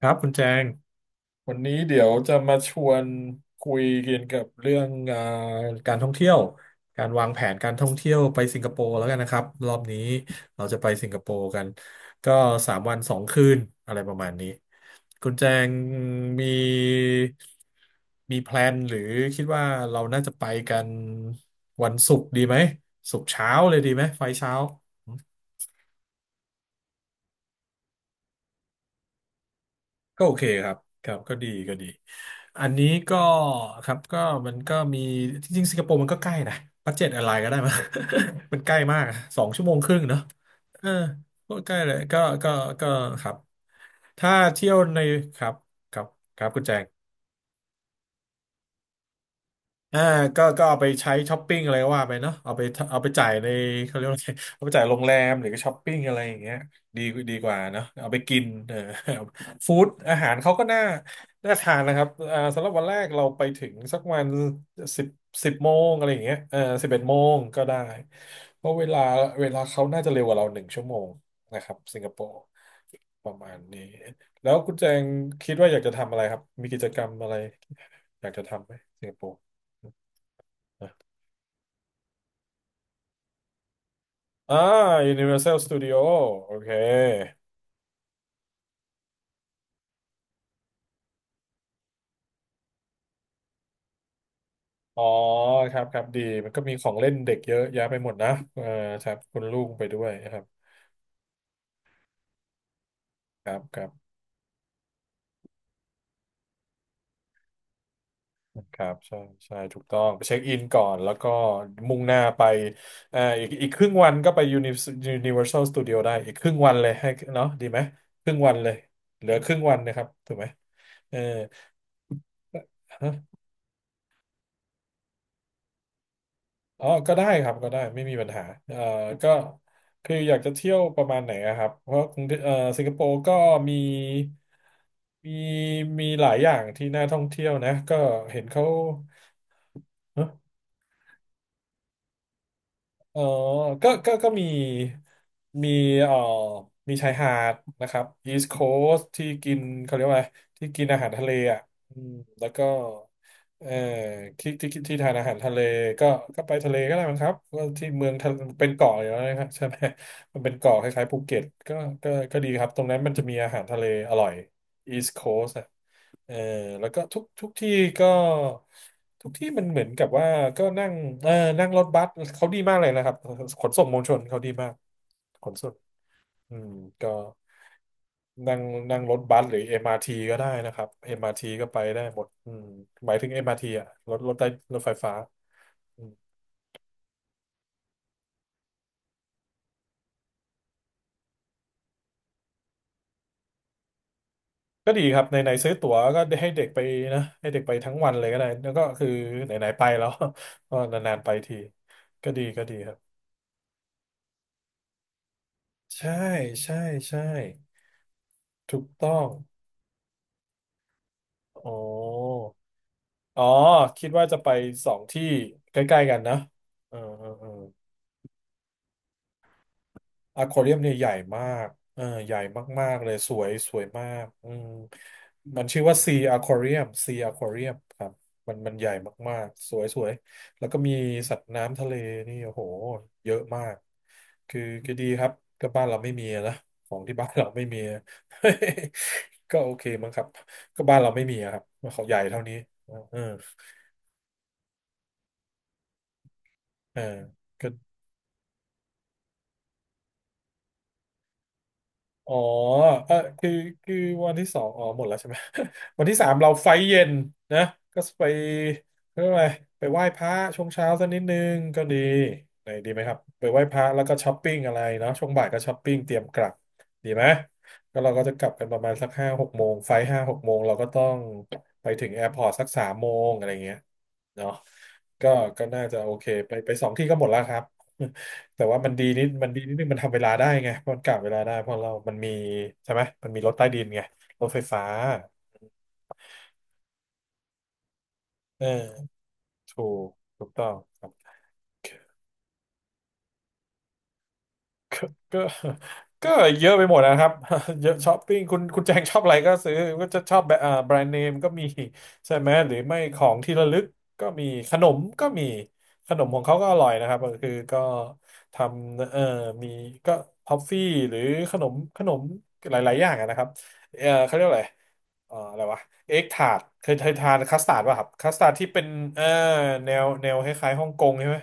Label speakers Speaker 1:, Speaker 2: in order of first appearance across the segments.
Speaker 1: ครับคุณแจงวันนี้เดี๋ยวจะมาชวนคุยเกี่ยวกับเรื่องการท่องเที่ยวการวางแผนการท่องเที่ยวไปสิงคโปร์แล้วกันนะครับรอบนี้เราจะไปสิงคโปร์กันก็สามวันสองคืนอะไรประมาณนี้คุณแจงมีมีแพลนหรือคิดว่าเราน่าจะไปกันวันศุกร์ดีไหมศุกร์เช้าเลยดีไหมไฟล์เช้า ก็โอเคครับครับก็ดีก็ดีอันนี้ก็ครับก็มันก็มีจริงๆสิงคโปร์มันก็ใกล้นะบัดเจ็ตอะไรก็ได้มา มันใกล้มากอะสองชั่วโมงครึ่งเนาะเออก็ใกล้เลยก็ก็ครับถ้าเที่ยวในครับครับครับคุณแจง อ่าก็เอาไปใช้ช้อปปิ้งอะไรก็ว่าไปเนาะเอาไปเอาไปจ่ายในเขาเรียกว่าอะไร เอาไปจ่ายโรงแรมหรือก็ช้อปปิ้งอะไรอย่างเงี้ยดีดีกว่าเนาะเอาไปกินเออ ฟู้ดอาหารเขาก็น่าน่าทานนะครับอ่าสำหรับวันแรกเราไปถึงสักวันสิบสิบโมงอะไรอย่างเงี้ยเออสิบเอ็ดโมงก็ได้เพราะเวลาเขาน่าจะเร็วกว่าเราหนึ่งชั่วโมงนะครับสิงคโปร์ประมาณนี้แล้วคุณแจงคิดว่าอยากจะทำอะไรครับมีกิจกรรมอะไรอยากจะทำไหมสิงคโปร์ อ่า Universal Studio โอเค อ๋อครับครับดี มันก็มีของเล่นเด็กเยอะแยะไปหมดนะเออครับคุณลูกไปด้วยนะครับครับครับครับ ใช่ใช่ถูกต้องไปเช็คอินก่อนแล้วก็มุ่งหน้าไปอีกครึ่งวันก็ไป Universal Studio ได้อีกครึ่งวันเลยให้เนาะดีไหมครึ่งวันเลยเหลือครึ่งวันนะครับถูกไหมเออ อ๋อก็ได้ครับก็ได้ไม่มีปัญหาก็คืออยากจะเที่ยวประมาณไหนอะครับ เพราะกรุงเทพสิงคโปร์ก็มีมี มีหลายอย่างที่น่าท่องเที่ยวนะ ก็เห็นเขา เออก็มีมีเอ่อมีชายหาดนะครับ East Coast ที่กินเขาเรียกว่าอะไรที่กินอาหารทะเลอ่ะอืมแล้วก็เอ่อที่ทานอาหารทะเลก็ก็ไปทะเลก็ได้มั้งครับก็ที่เมืองทะเป็นเกาะอยู่แล้วนะครับใช่ไหมมันเป็นเกาะคล้ายๆภูเก็ตก็ก็ก็ดีครับ ตรงนั้นมันจะมีอาหารทะเลอร่อย East Coast เออแล้วก็ทุกที่ก็ทุกที่มันเหมือนกับว่าก็นั่งเออนั่งรถบัสเขาดีมากเลยนะครับขนส่งมวลชนเขาดีมากขนส่งอืมก็นั่งนั่งรถบัสหรือ MRT ก็ได้นะครับ MRT ก็ไปได้หมดอืมหมายถึง MRT อมอาร์ทีอ่ะรถใต้รถไฟฟ้าอืมก็ดีครับไหนๆซื้อตั๋วก็ให้เด็กไปนะให้เด็กไปทั้งวันเลยก็ได้แล้วก็คือไหนๆไปแล้ว ก็นานๆไปทีก็ดีก็ดีครับ ใช่ใช่ใช่ถูกต้องอ๋ออ๋อคิดว่าจะไปสองที่ใกล้ๆกันนะเออเออเออ อควาเรียมเนี่ยใหญ่มากเออใหญ่มากๆเลยสวยสวยมากอืมมันชื่อว่าซีอคว u เรียมซีอควาเรียมครับมันใหญ่มากๆสวยสวยแล้วก็มีสัตว์น้ำทะเลนี่โอ้โหเยอะมาก คือก็ดีครับก็บ้านเราไม่มีอะนะของที่บ้านเราไม่มี ก็โอเคมั้งครับก็บ้านเราไม่มีอะครับเขาใหญ่เท่านี้เออเออก็ อ๋อเออคือวันที่สองอ๋อหมดแล้วใช่ไหม วันที่สามเราไฟเย็นนะก็ไปเรื่องอะไรไปไหว้พระช่วงเช้าสักนิดนึงก็ดีไหนดีไหมครับไปไหว้พระแล้วก็ช้อปปิ้งอะไรเนาะช่วงบ่ายก็ช้อปปิ้งเตรียมกลับดีไหมก็เราก็จะกลับกันประมาณสักห้าหกโมงไฟห้าหกโมงเราก็ต้องไปถึงแอร์พอร์ตสักสามโมงอะไรเงี้ยเนาะก็ก็น่าจะโอเคไปไปสองที่ก็หมดแล้วครับ แต่ว่ามันดีนิดนึงมันทำเวลาได้ไง เพราะมันกะเวลาได้เพราะเรามันมีใช่ไหม มันมีรถใต้ดินไงรถไฟฟ้าเออถูกถูกต้องครับโอเค ก็ก็ก็เยอะไปหมดนะครับ เยอะช้อปปิ้งคุณแจงชอบอะไรก็ซื้อก็จะชอบแบรนด์เนมก็มีใช่ไหมหรือไม่ของที่ระลึกก็มีขนมก็มีขนมของเขาก็อร่อยนะครับก็คือก็ทำมีก็ทอฟฟี่หรือขนมหลายๆอย่างอะนะครับเขาเรียกอะไรอะไรวะเอ็กทาร์ตเคยทานคัสตาร์ดป่ะครับคัสตาร์ดที่เป็นเอ่อแนวคล้ายๆฮ่องกงใช่ไหม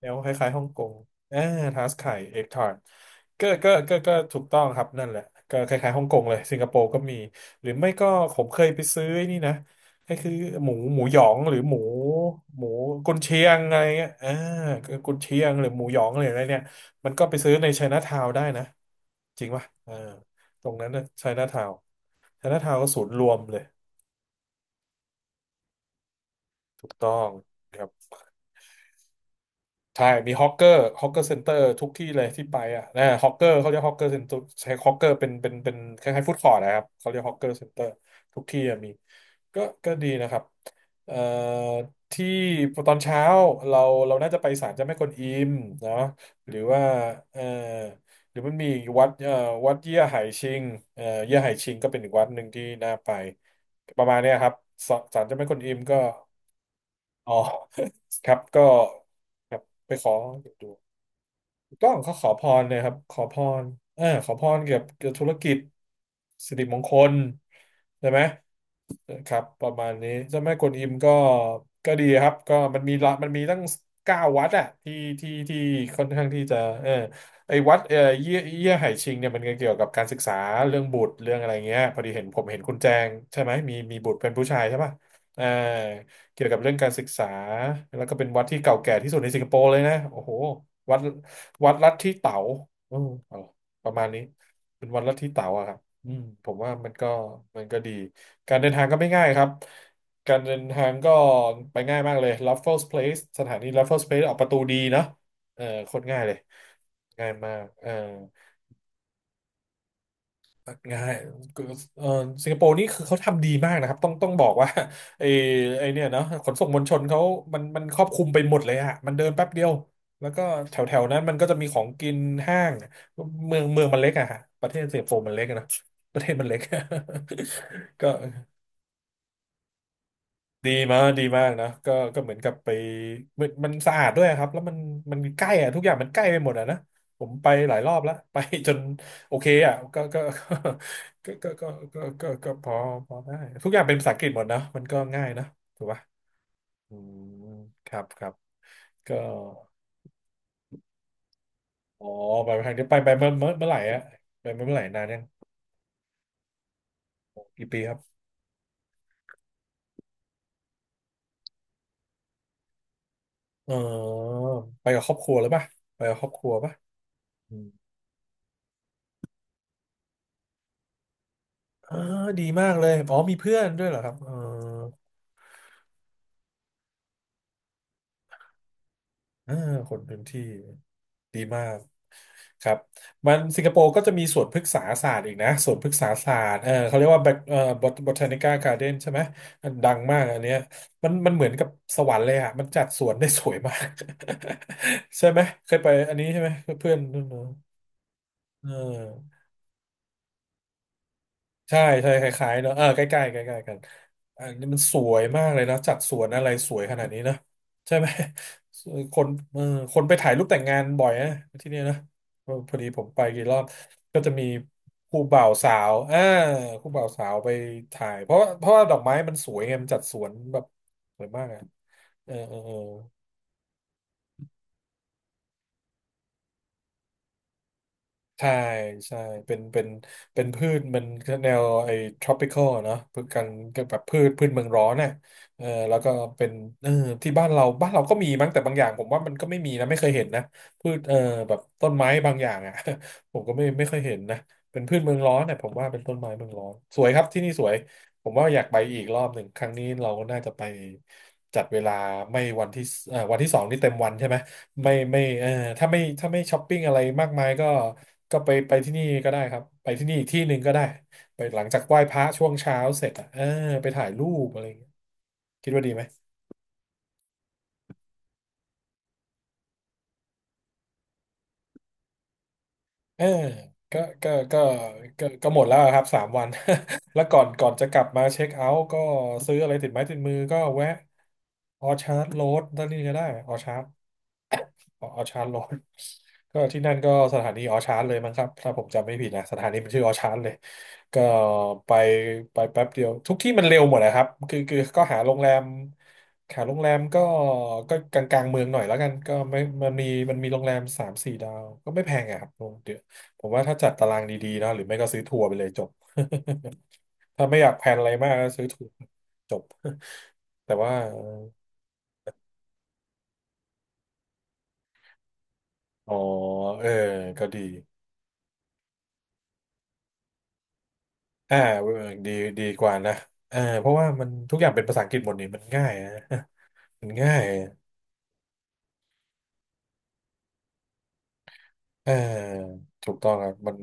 Speaker 1: แนวคล้ายๆฮ่องกงอ่าทาสไข่เอ็กทาร์ก็ถูกต้องครับนั่นแหละก็คล้ายๆฮ่องกงเลยสิงคโปร์ก็มีหรือไม่ก็ผมเคยไปซื้อไอ้นี่นะก็คือหมูหยองหรือหมูกุนเชียงอะไรเงี้ยอ่ากุนเชียงหรือหมูหยองหรืออะไรเนี่ยมันก็ไปซื้อในไชน่าทาวน์ได้นะจริงป่ะอ่าตรงนั้นนะไชน่าทาวน์ไชน่าทาวน์ก็ศูนย์รวมเลยถูกต้อง ใช่มีฮอกเกอร์ฮอกเกอร์เซ็นเตอร์ทุกที่เลยที่ไปอ่ะนะฮอกเกอร์เขาเรียกฮอกเกอร์เซ็นเตอร์ใช้ฮอกเกอร์เป็นคล้ายๆฟู้ดคอร์ทนะครับเขาเรียกฮอกเกอร์เซ็นเตอร์ทุกที่อะมีก็ดีนะครับเอ่อที่ตอนเช้าเราน่าจะไปศาลเจ้าแม่กวนอิมเนาะหรือว่าเอ่อหรือมันมีอีกวัดวัดเยี่ยไห่ชิงเยี่ยไห่ชิงก็เป็นอีกวัดหนึ่งที่น่าไปประมาณเนี้ยครับศาลเจ้าแม่กวนอิมก็ อ๋อ ครับก็ครับไปขอเก็บดูกต้องเขาขอพรเลยครับขอพรเออขอพรเกี่ยวกับธุรกิจสิริมงคลใช่ไหม นะครับประมาณนี้เจ้าแม่กวนอิมก็ก็ดีครับก็มันมีละมันมีตั้งเก้าวัดอะที่ที่ที่ค่อนข้างที่จะเออไอ้วัดเออเยี่ยไห่ชิงเนี่ยมันก็เกี่ยวกับการศึกษาเรื่องบุตรเรื่องอะไรเงี้ยพอดีเห็นผมเห็นคุณแจงใช่ไหมมีบุตรเป็นผู้ชายใช่ป่ะเออเกี่ยวกับเรื่องการศึกษาแล้วก็เป็นวัดที่เก่าแก่ที่สุดในสิงคโปร์เลยนะโอ้โหวัดวัดลัทธิเต๋าอืมเอาประมาณนี้เป็นวัดลัทธิเต๋าอะครับอืมผมว่ามันก็มันก็ดี การเดินทางก็ไม่ง่ายครับการเดินทางก็ไปง่ายมากเลย Raffles Place สถานี Raffles Place ออกประตูดีเนาะเออโคตรง่ายเลยง่ายมากเออง่ายเออสิงคโปร์นี่คือเขาทำดีมากนะครับต้องบอกว่า ไอ้เนี่ยเนาะขนส่งมวลชนเขามันครอบคลุมไปหมดเลยอะมันเดินแป๊บเดียวแล้วก็แถวแถวนั้นมันก็จะมีของกินห้างเมืองมันเล็กอะฮะประเทศสิงคโปร์มันเล็กอะนะประเทศมันเล็ก ก็ ดีมากนะก็ก็เหมือนกับไปมันสะอาดด้วยครับแล้วมันมันใกล้อะทุกอย่างมันใกล้ไปหมดอะนะผมไปหลายรอบแล้วไปจนโอเคอะก็ก็ก็ก็พอได้ทุกอย่างเป็นภาษาอังกฤษหมดนะมันก็ง่ายนะถูกป่ะอืมครับก็อ๋อไปทางนี้ไปไปเมื่อไหร่อะไปเมื่อไหร่นานยังกี่ปีครับเออไปกับครอบครัวหรือป่ะไปกับครอบครัวป่ะอืมอ่าดีมากเลยอ๋อมีเพื่อนด้วยเหรอครับเออ อ่าคนพื้นที่ดีมากครับมันสิงคโปร์ก็จะมีสวนพฤกษาศาสตร์อีกนะสวนพฤกษาศาสตร์เออเขาเรียกว่า bot- บอทานิก้าการ์เด้นใช่ไหมมันดังมากอันเนี้ยมันเหมือนกับสวรรค์เลยอะมันจัดสวนได้สวยมาก ใช่ไหมเคยไปอันนี้ใช่ไหมเพื่อนเออ ใช่ใช่คล้ายๆเนอะเออใกล้ๆใกล้ๆกันอันนี้มันสวยมากเลยนะจัดสวนอะไรสวยขนาดนี้นะใช่ไหม คนเออคนไปถ่ายรูปแต่งงานบ่อยนะที่เนี่ยนะเออพอดีผมไปกี่รอบก็จะมีคู่บ่าวสาวอ่าคู่บ่าวสาวไปถ่ายเพราะว่าดอกไม้มันสวยไงมันจัดสวนแบบสวยมากอ่ะเออ ใช่ใช่เป็นพืชมันแนวไอ้ tropical อะเนาะพืชกันแบบพืชเมืองร้อนน่ะเออแล้วก็เป็นเออที่บ้านเราก็มีมั้งแต่บางอย่างผมว่ามันก็ไม่มีนะไม่เคยเห็นนะพืชเออแบบต้นไม้บางอย่างอ่ะ ผมก็ไม่เคยเห็นนะเป็นพืชเมืองร้อนน่ะผมว่าเป็นต้นไม้เมืองร้อนสวยครับที่นี่สวยผมว่าอยากไปอีกรอบหนึ่งครั้งนี้เราน่าจะไปจัดเวลาไม่วันที่สเอ่อวันที่สองนี่เต็มวันใช่ไหม ไม่ไม่เออถ้าไม่ถ้าไม่ช้อปปิ้งอะไรมากมายก็ก็ไปที่นี่ก็ได้ครับไปที่นี่อีกที่หนึ่งก็ได้ไปหลังจากไหว้พระช่วงเช้าเสร็จอ่ะเออไปถ่ายรูปอะไรอย่างเงี้ยคิดว่าดีไหมเออก็ก็หมดแล้วครับสามวัน แล้วก่อนจะกลับมาเช็คเอาท์ก็ซื้ออะไรติดไม้ติดมือก็แวะออชาร์ดโรดนั่นนี่ก็ได้ออชาร์ด อ๋อออชาร์จอน ก็ที่นั่นก็สถานีออชาร์เลยมั้งครับถ้าผมจำไม่ผิดนะสถานีมันชื่อออชาร์เลยก็ไปไปแป๊บเดียวทุกที่มันเร็วหมดนะครับคือก็หาโรงแรมหาโรงแรมก็ก็กลางเมืองหน่อยแล้วกันก็ไม่มันมีโรงแรมสามสี่ดาวก็ไม่แพงอะครับโรงเดียวผมว่าถ้าจัดตารางดีๆนะหรือไม่ก็ซื้อทัวร์ไปเลยจบ ถ้าไม่อยากแพลนอะไรมากก็ซื้อทัวร์จบ แต่ว่าอ๋อเออก็ดี อ่าเวิร์กดีดีกว่านะเออเพราะว่ามันทุกอย่างเป็นภาษาอังกฤษหมดนี่มันง่ายนะ มันง่ายเออถูกต้องครับมัน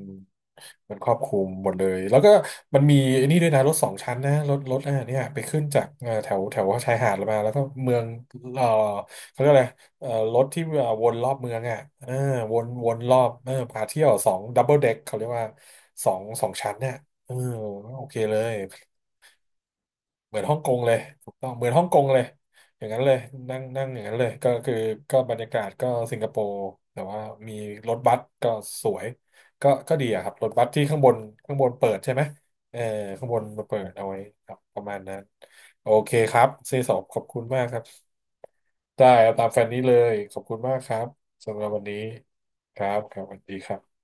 Speaker 1: มันครอบคลุมหมดเลยแล้วก็มันมีไอ้นี่ด้วยนะรถสองชั้นนะรถอ่าเนี่ยไปขึ้นจากแถวแถวชายหาดมาแล้วก็เมืองเออเขาเรียกอะไรรถที่วนรอบเมืองอ่ะเออวนรอบเออพาเที่ยวสองดับเบิลเด็กเขาเรียกว่าสองชั้นเนี่ยเออโอเคเลย เหมือนฮ่องกงเลยถูกต้องเหมือนฮ่องกงเลยอย่างนั้นเลยนั่งนั่งอย่างนั้นเลยก็คือก็บรรยากาศก็สิงคโปร์แต่ว่ามีรถบัสก็สวยก็ก็ดีอะครับรถบัสที่ข้างบนข้างบนเปิดใช่ไหมเออข้างบนมาเปิดเอาไว้ครับประมาณนั้นโอเคครับเซสอบขอบคุณมากครับได้เอาตามแฟนนี้เลยขอบคุณมากครับสำหรับวันนี้ครับครับสวัสดีครับ